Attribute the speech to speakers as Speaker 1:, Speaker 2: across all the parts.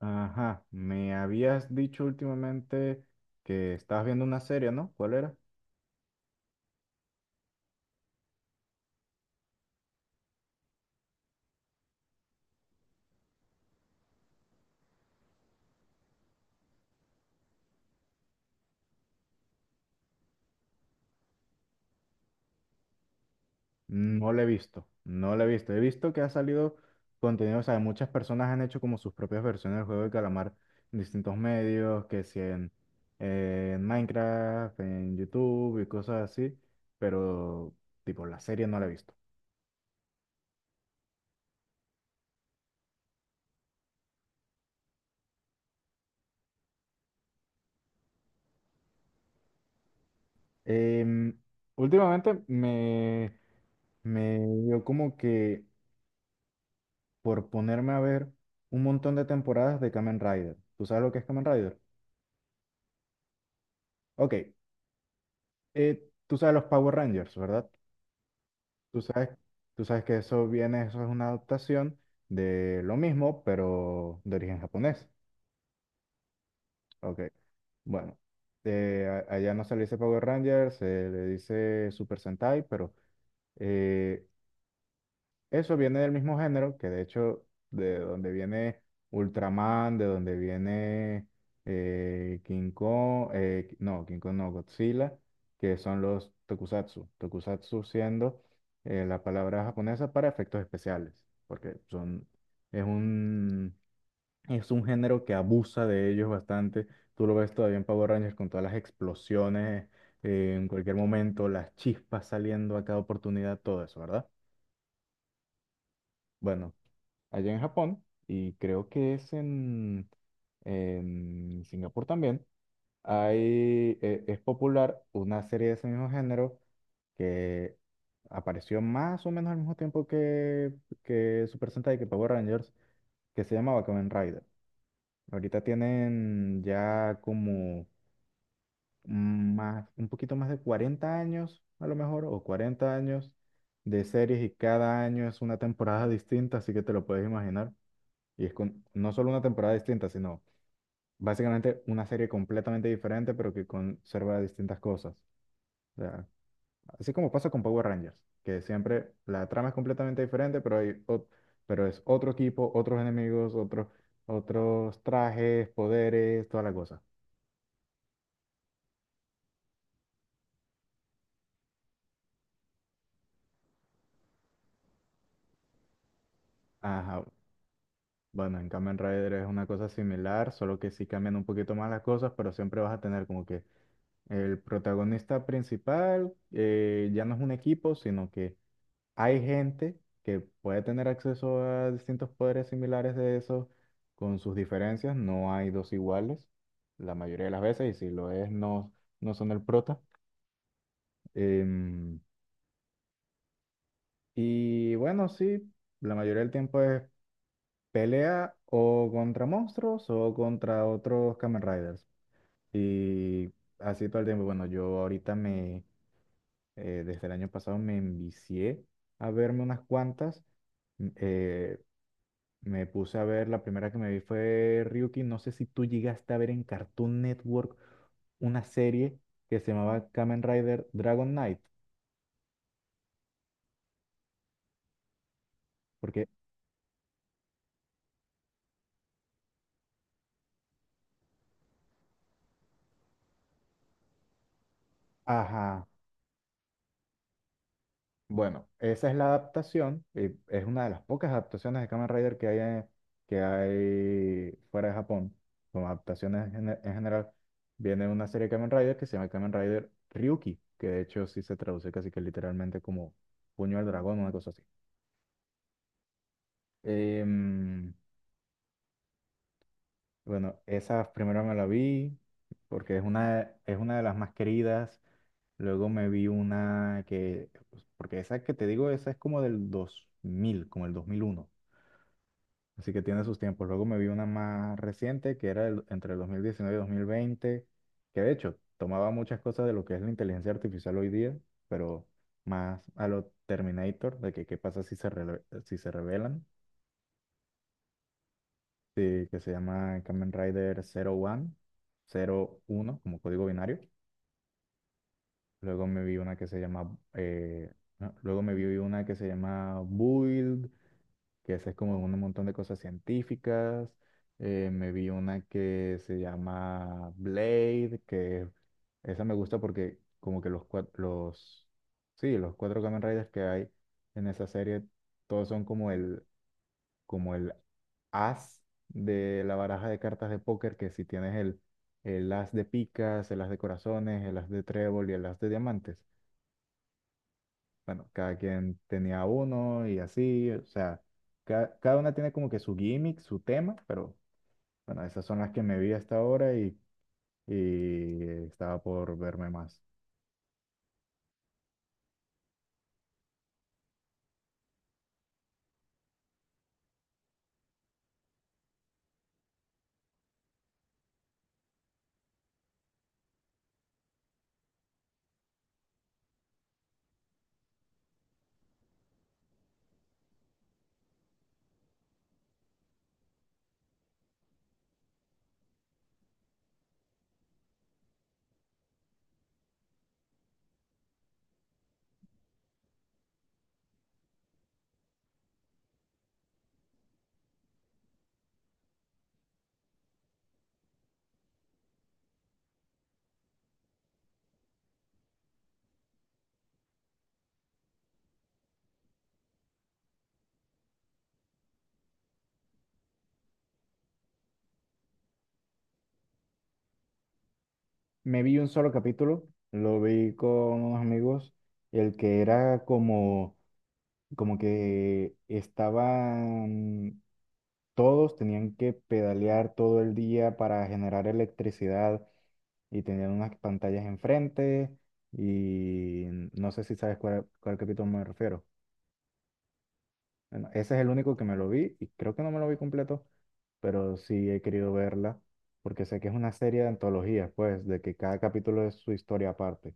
Speaker 1: Ajá, me habías dicho últimamente que estabas viendo una serie, ¿no? ¿Cuál era? No la he visto, no la he visto. He visto que ha salido contenido, o sea, muchas personas han hecho como sus propias versiones del juego de calamar en distintos medios, que si en, en Minecraft, en YouTube y cosas así, pero tipo la serie no la he visto. Em, Últimamente me dio como que por ponerme a ver un montón de temporadas de Kamen Rider. ¿Tú sabes lo que es Kamen Rider? Ok, tú sabes los Power Rangers, ¿verdad? Tú sabes, tú sabes que eso viene, eso es una adaptación de lo mismo, pero de origen japonés. Ok, bueno, allá no se le dice Power Ranger, se le dice Super Sentai, pero eh, eso viene del mismo género, que de hecho, de donde viene Ultraman, de donde viene King Kong, no, King Kong no, Godzilla, que son los tokusatsu. Tokusatsu siendo la palabra japonesa para efectos especiales, porque son, es un, es un género que abusa de ellos bastante. Tú lo ves todavía en Power Rangers con todas las explosiones en cualquier momento, las chispas saliendo a cada oportunidad, todo eso, ¿verdad? Bueno, allá en Japón, y creo que es en Singapur también, es popular una serie de ese mismo género que apareció más o menos al mismo tiempo que Super Sentai, que Power Rangers, que se llamaba Kamen Rider. Ahorita tienen ya como más, un poquito más de 40 años, a lo mejor, o 40 años de series y cada año es una temporada distinta, así que te lo puedes imaginar. Y es con no solo una temporada distinta, sino básicamente una serie completamente diferente, pero que conserva distintas cosas. O sea, así como pasa con Power Rangers, que siempre la trama es completamente diferente, pero pero es otro equipo, otros enemigos, otros trajes, poderes, toda la cosa. Ajá. Bueno, en Kamen Rider es una cosa similar, solo que sí cambian un poquito más las cosas, pero siempre vas a tener como que el protagonista principal ya no es un equipo, sino que hay gente que puede tener acceso a distintos poderes similares de esos con sus diferencias. No hay dos iguales la mayoría de las veces y si lo es no son el prota. Em, y bueno, sí, la mayoría del tiempo es pelea o contra monstruos o contra otros Kamen Riders. Y así todo el tiempo. Bueno, yo ahorita desde el año pasado me envicié a verme unas cuantas. m- eh, Me puse a ver, la primera que me vi fue Ryuki. No sé si tú llegaste a ver en Cartoon Network una serie que se llamaba Kamen Rider Dragon Knight, porque, ajá, bueno, esa es la adaptación, es una de las pocas adaptaciones de Kamen Rider que hay, que hay fuera de Japón, como adaptaciones en general. Viene una serie de Kamen Rider que se llama Kamen Rider Ryuki, que de hecho sí se traduce casi que literalmente como puño al dragón, una cosa así. Em, Bueno, esas primero me la vi porque es una de las más queridas. Luego me vi una que, pues, porque esa que te digo, esa es como del 2000, como el 2001. Así que tiene sus tiempos. Luego me vi una más reciente que era el- entre el 2019 y 2020, que de hecho tomaba muchas cosas de lo que es la inteligencia artificial hoy día, pero más a lo Terminator, de que qué pasa si si se revelan. Sí, que se llama Kamen Rider 01, 01 como código binario. Luego me vi una que se llama, no, luego me vi una que se llama Build, que esa es como un montón de cosas científicas. Me vi una que se llama Blade, que esa me gusta porque como que sí, los 4 Kamen Riders que hay en esa serie, todos son como como el as de la baraja de cartas de póker, que si tienes el as de picas, el as de corazones, el as de trébol y el as de diamantes. Bueno, cada quien tenía uno y así, o sea, cada una tiene como que su gimmick, su tema, pero bueno, esas son las que me vi hasta ahora y estaba por verme más. Me vi un solo capítulo, lo vi con unos amigos, el que era como, como que estaba todos tenían que pedalear todo el día para generar electricidad y tenían unas pantallas enfrente y no sé si sabes cuál capítulo me refiero. Bueno, ese es el único que me lo vi y creo que no me lo vi completo, pero sí he querido verla porque sé que es una serie de antologías, pues, de que cada capítulo es su historia aparte.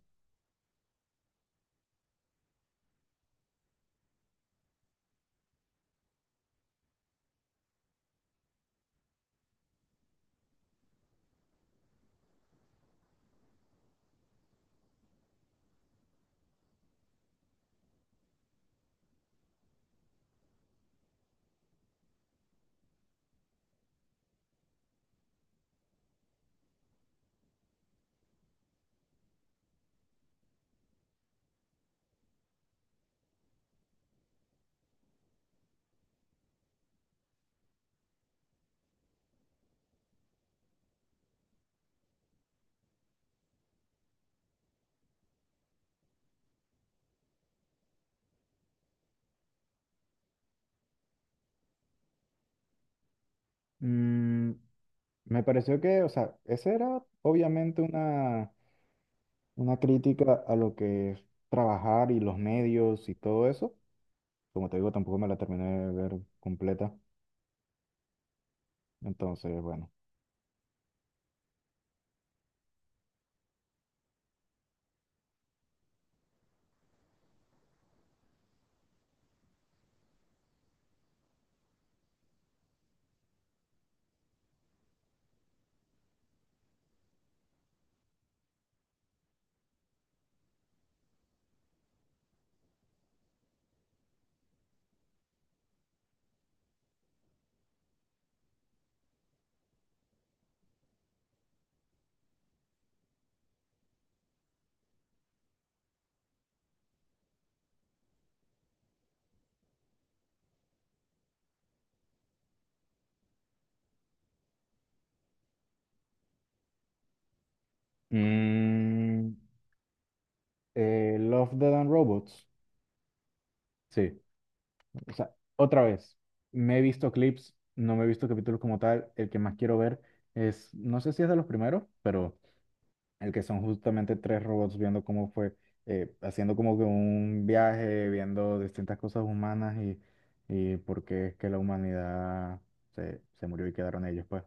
Speaker 1: Mm, me pareció que, o sea, esa era obviamente una crítica a lo que es trabajar y los medios y todo eso. Como te digo, tampoco me la terminé de ver completa. Entonces, bueno. Mm, Love, Death and Robots. Sí. O sea, otra vez. Me he visto clips, no me he visto capítulos como tal. El que más quiero ver es, no sé si es de los primeros, pero el que son justamente tres robots viendo cómo fue, haciendo como que un viaje, viendo distintas cosas humanas y por qué es que la humanidad se murió y quedaron ellos, pues.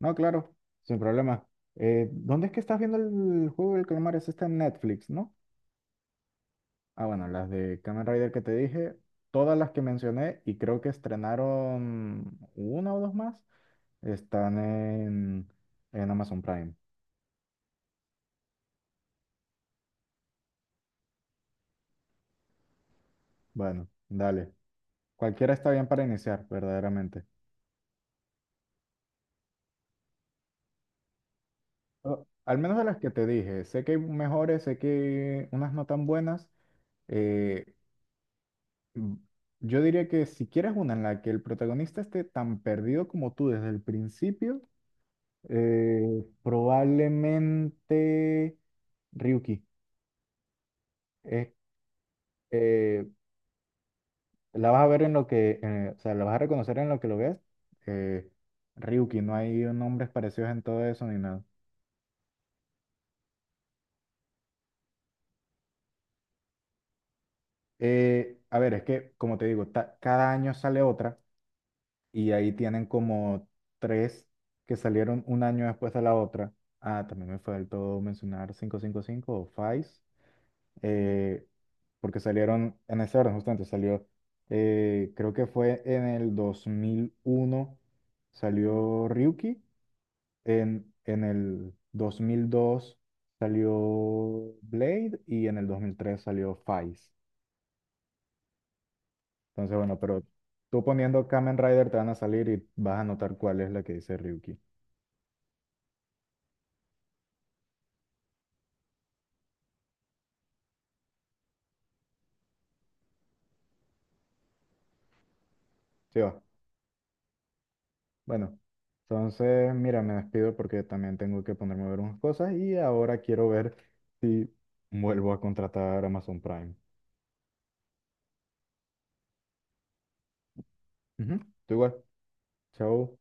Speaker 1: No, claro, sin problema. ¿Dónde es que estás viendo el juego del calamar? Es esta en Netflix, ¿no? Ah, bueno, las de Kamen Rider que te dije, todas las que mencioné y creo que estrenaron una o dos más, están en Amazon Prime. Bueno, dale. Cualquiera está bien para iniciar, verdaderamente. Al menos de las que te dije, sé que hay mejores, sé que hay unas no tan buenas. eh, Mm, Yo diría que si quieres una en la que el protagonista esté tan perdido como tú desde el principio, probablemente Ryuki. Eh, eh, la vas a ver en lo o sea, la vas a reconocer en lo que lo veas. eh, Ryuki, no hay nombres parecidos en todo eso ni nada. A ver, es que, como te digo, cada año sale otra. Y ahí tienen como tres que salieron un año después de la otra. Ah, también me faltó mencionar 555 o Vice, eh, porque salieron en ese orden, justamente creo que fue en el 2001, salió Ryuki, en el 2002 salió Blade y en el 2003 salió Vice. Entonces, bueno, pero tú poniendo Kamen Rider te van a salir y vas a notar cuál es la que dice Ryuki. Sí va. Bueno, entonces, mira, me despido porque también tengo que ponerme a ver unas cosas y ahora quiero ver si vuelvo a contratar Amazon Prime. Ujú, tú igual. Chao.